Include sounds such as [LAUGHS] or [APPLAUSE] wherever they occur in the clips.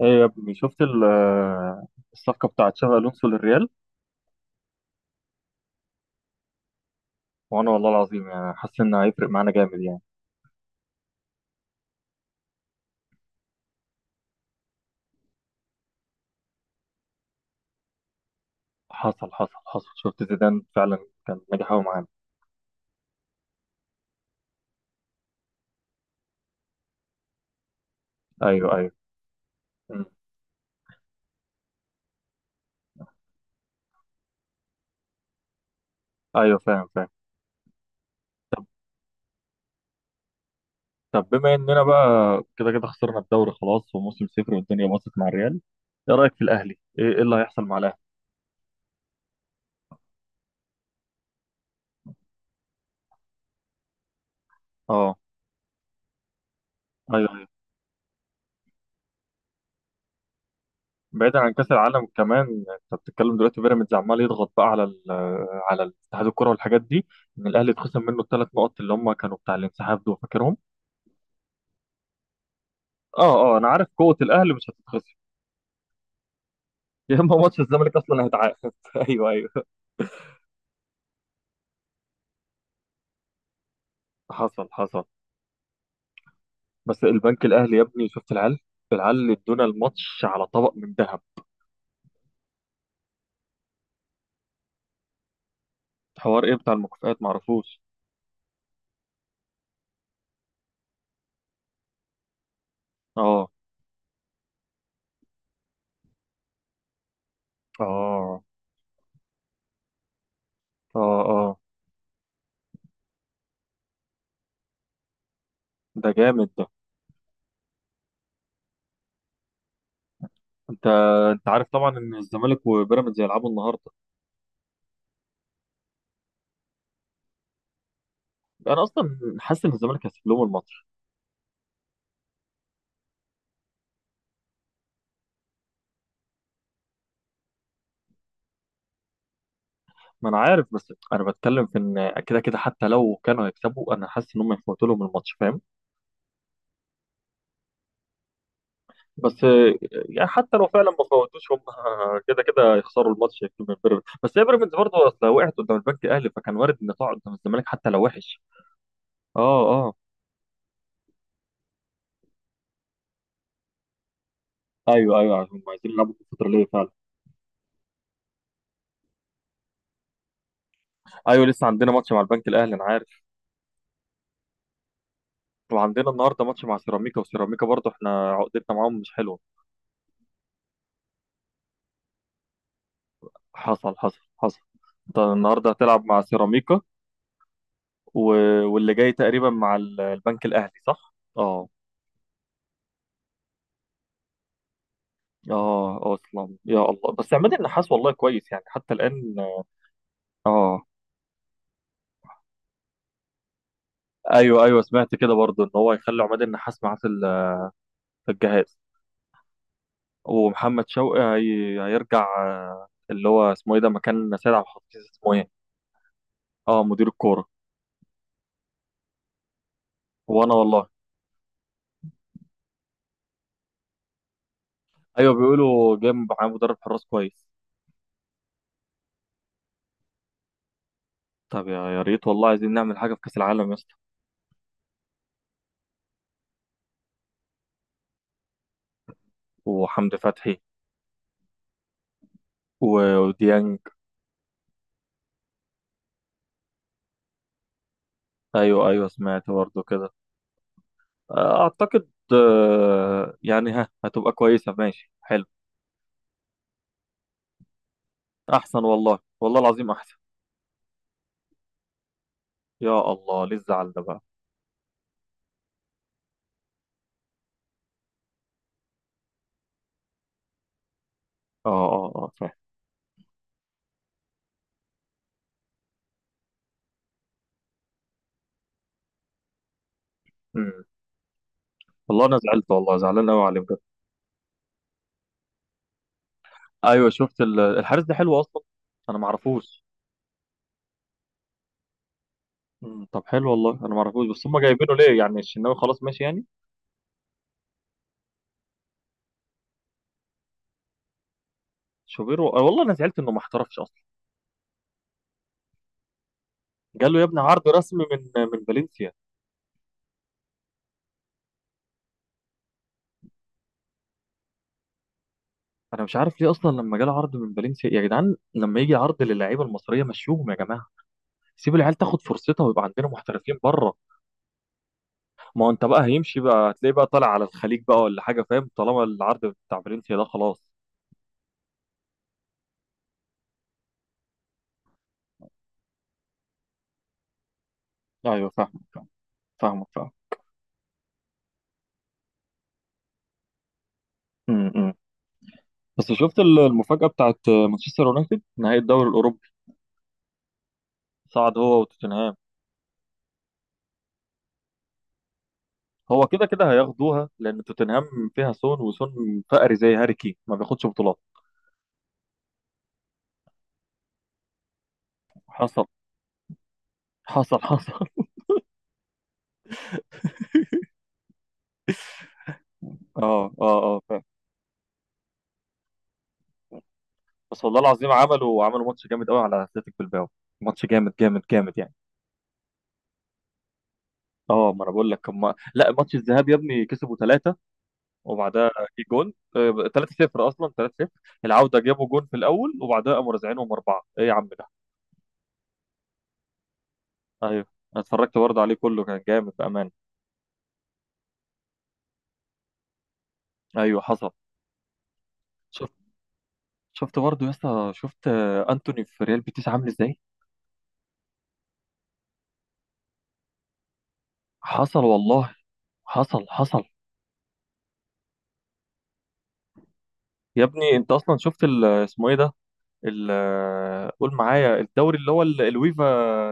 ايه يا ابني شفت الصفقة بتاعت شابي ألونسو للريال. وانا والله العظيم يعني حاسس انه هيفرق معانا جامد يعني. حصل حصل حصل، شفت زيدان فعلا كان ناجح قوي معانا. ايوه ايوه. مم. ايوه فاهم فاهم. طب بما اننا بقى كده كده خسرنا الدوري خلاص وموسم صفر والدنيا باظت مع الريال، ايه رأيك في الاهلي؟ ايه إيه اللي هيحصل مع الاهلي؟ اه. ايوه ايوه. بعيدا عن كاس العالم كمان انت بتتكلم دلوقتي بيراميدز عمال يضغط بقى على على اتحاد الكره والحاجات دي. ان الاهلي اتخصم منه الثلاث نقط اللي هم كانوا بتاع الانسحاب دول فاكرهم. اه اه، انا عارف قوه الاهلي مش هتتخسر. يا اما ماتش الزمالك اصلا هيتعاد [LAUGHS] ايوه ايوه. حصل حصل. بس البنك الاهلي يا ابني شفت العيال، العيال ادونا الماتش على طبق من ذهب. حوار ايه بتاع المكافآت، معرفوش. اه اه اه اه. ده جامد ده. انت انت عارف طبعا ان الزمالك وبيراميدز هيلعبوا النهارده. انا اصلا حاسس ان الزمالك هيسيب لهم الماتش. ما انا عارف، بس انا بتكلم في ان كده كده حتى لو كانوا هيكسبوا انا حاسس ان هم يفوتوا لهم الماتش، فاهم؟ بس يعني حتى لو فعلا ما فوتوش هم كده كده يخسروا الماتش من بيراميدز، بس هي بيراميدز برضه اصل وقعت قدام البنك الاهلي فكان وارد ان تقع قدام الزمالك حتى لو وحش. اه اه. ايوه ايوه عشان هم عايزين يلعبوا في الفتره اللي فعلا. ايوه لسه عندنا ماتش مع البنك الاهلي انا عارف. وعندنا النهارده ماتش مع سيراميكا، وسيراميكا برضه احنا عقدتنا معاهم مش حلوه. حصل حصل حصل. انت النهارده هتلعب مع سيراميكا و... واللي جاي تقريبا مع البنك الاهلي صح؟ اه. اه اصلا، يا الله، بس عماد النحاس والله كويس يعني حتى الان. اه ايوه ايوه سمعت كده برضه ان هو هيخلي عماد النحاس معاه في في الجهاز. ومحمد شوقي هيرجع اللي هو اسمه ايه ده مكان سيد عبد الحفيظ اسمه ايه؟ اه مدير الكوره. وانا والله. ايوه بيقولوا جاي معاه مدرب حراس كويس. طب يا يا ريت والله عايزين نعمل حاجه في كاس العالم يا اسطى. وحمدي فتحي وديانج. ايوه ايوه سمعت برضه كده. اعتقد يعني ها هتبقى كويسه، ماشي حلو. احسن والله، والله العظيم احسن. يا الله ليه الزعل ده بقى؟ اه اه اه فاهم. مم. والله انا زعلت والله زعلان قوي عليه بجد. ايوه شفت الحارس ده حلو اصلا. انا ما اعرفوش. مم، طب حلو والله انا ما اعرفوش بس هم جايبينه ليه يعني الشناوي خلاص ماشي يعني. شوبيرو والله انا زعلت انه ما احترفش اصلا. جاله يا ابني عرض رسمي من فالنسيا. انا مش عارف ليه اصلا لما جاله عرض من فالنسيا، يا جدعان لما يجي عرض للعيبه المصريه مشوهم يا جماعه. سيب العيال تاخد فرصتها ويبقى عندنا محترفين بره. ما هو انت بقى هيمشي بقى هتلاقيه بقى طالع على الخليج بقى ولا حاجه، فاهم؟ طالما العرض بتاع فالنسيا ده خلاص. ايوه فاهمك فاهمك. فاهمك فاهم. امم بس شفت المفاجأة بتاعت مانشستر يونايتد نهائي الدوري الأوروبي؟ صعد هو وتوتنهام. هو كده كده هياخدوها لان توتنهام فيها سون، وسون فقري زي هاري كين ما بياخدش بطولات. حصل حصل حصل. اه اه اه فاهم. بس والله العظيم عملوا عملوا ماتش جامد قوي على اتلتيك بالباو. ماتش جامد جامد جامد يعني. اه ما انا بقول لك لا ماتش الذهاب يا ابني كسبوا ثلاثة. وبعدها جه جون. ثلاثة صفر اصلا، ثلاثة صفر. العودة جابوا جون في الاول وبعدها قاموا رازعينهم اربعة، ايه يا عم ده؟ ايوه. انا اتفرجت برضه عليه كله كان جامد بامان. ايوه حصل. شفت شفت برضه يا اسطى، شفت انتوني في ريال بيتيس عامل ازاي؟ حصل والله. حصل حصل. يا ابني انت اصلا شفت اسمه ايه ده ال... آه، قول معايا الدوري اللي هو الويفا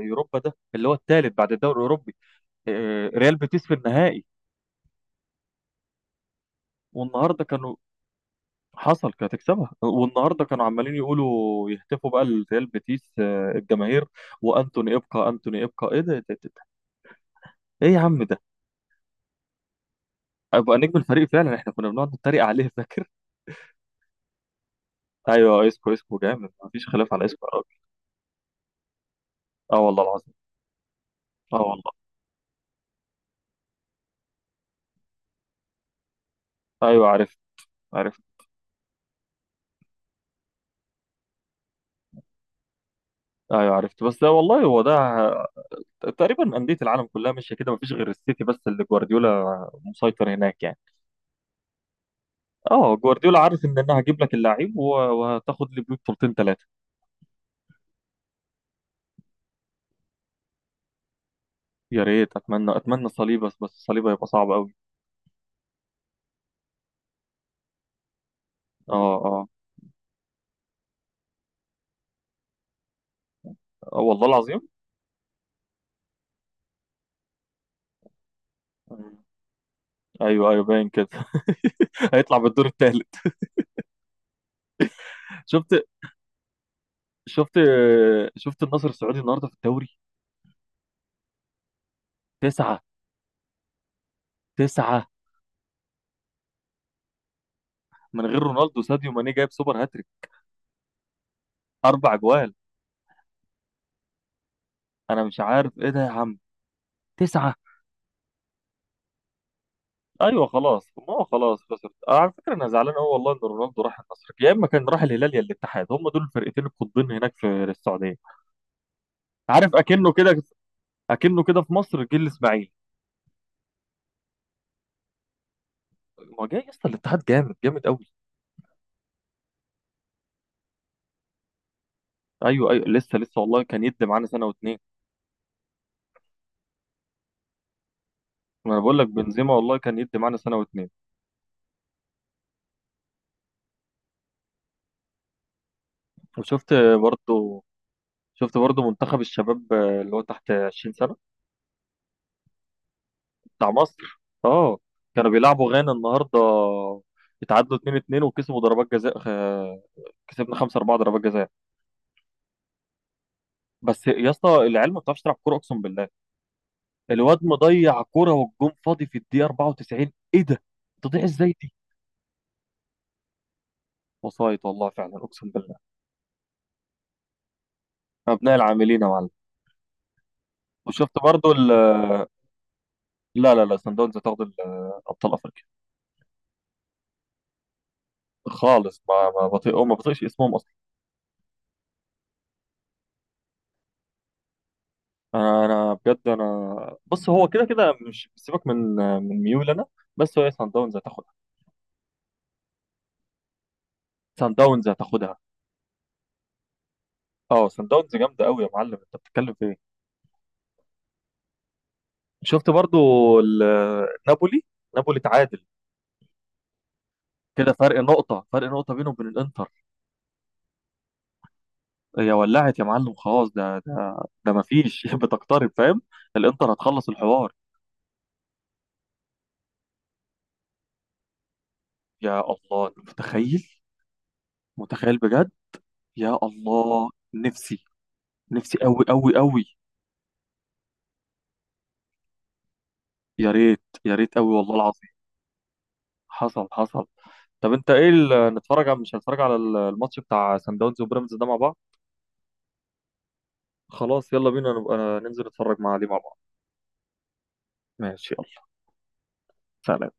يوروبا ده اللي هو الثالث بعد الدوري الاوروبي. ريال بيتيس في النهائي. والنهارده كانوا. حصل كانت تكسبها، والنهارده كانوا عمالين يقولوا يهتفوا بقى لريال بيتيس الجماهير. وانتوني ابقى، انتوني ابقى ايه ده، إيه ده. ايه يا عم ده؟ ابقى نجم الفريق فعلا، احنا كنا بنقعد نتريق عليه فاكر. ايوه اسكو، اسكو جامد، مفيش خلاف على اسكو يا راجل. اه والله العظيم. اه والله. ايوه عرفت. عرفت. ايوه عرفت بس ده والله هو ده. تقريبا انديه العالم كلها ماشيه كده مفيش غير السيتي بس اللي جوارديولا مسيطر هناك يعني. اه جوارديولا عارف ان انا هجيب لك اللعيب وهتاخد لي بيه بطولتين ثلاثه. يا ريت اتمنى اتمنى صليبه، بس بس صليبه هيبقى صعب قوي. اه اه والله العظيم. مم. ايوه ايوه باين كده. [LAUGHS] هيطلع بالدور الثالث. شفت شفت. شفت النصر السعودي النهارده في الدوري؟ تسعة. تسعة من غير رونالدو، ساديو ماني جايب سوبر هاتريك. اربع جوال. انا مش عارف ايه ده يا عم. تسعة. ايوه خلاص، ما هو خلاص خسرت. أنا على فكره انا زعلان قوي والله ان رونالدو راح النصر، يا اما كان راح الهلال يا الاتحاد، هم دول الفرقتين القطبين هناك في السعوديه. عارف اكنه كده، اكنه كده في مصر جه الاسماعيلي. ما جاي يا اسطى الاتحاد جامد جامد قوي. ايوه ايوه لسه لسه والله كان يدي معانا سنه واتنين. ما انا بقول لك بنزيما والله كان يدي معانا سنه واتنين. وشفت برضو. شفت برضو منتخب الشباب اللي هو تحت 20 سنه؟ بتاع مصر اه. كانوا بيلعبوا غانا النهارده، اتعادلوا 2-2 وكسبوا ضربات جزاء، كسبنا 5-4 ضربات جزاء. بس يا اسطى العيال ما بتعرفش تلعب كوره اقسم بالله. الواد مضيع كوره والجون فاضي في الدقيقه 94، ايه ده؟ تضيع ازاي دي؟ وصايت والله فعلا اقسم بالله. ابناء العاملين يا معلم. وشفت برضو ال، لا لا لا، سان داونز هتاخد ابطال افريقيا. خالص ما بطيء ما بطيقش اسمهم اصلا. انا بجد انا بص هو كده كده مش، سيبك من من ميول انا، بس هو سان داونز هتاخدها. سان داونز هتاخدها. اه سان داونز جامده قوي يا معلم انت بتتكلم في ايه. شفت برضو نابولي. نابولي تعادل كده. فرق نقطة، فرق نقطة بينه وبين الانتر. هي ولعت يا معلم خلاص، ده ده ده مفيش [LAUGHS] بتقترب فاهم. الانتر هتخلص الحوار. يا الله أنت متخيل؟ متخيل بجد. يا الله. نفسي. نفسي قوي قوي قوي. يا ريت يا ريت قوي والله العظيم. حصل حصل. طب انت ايه نتفرج على، مش هنتفرج على الماتش بتاع سان داونز وبيراميدز ده مع بعض؟ خلاص يلا بينا نبقى ننزل نتفرج مع عليه مع بعض. ماشي يلا سلام.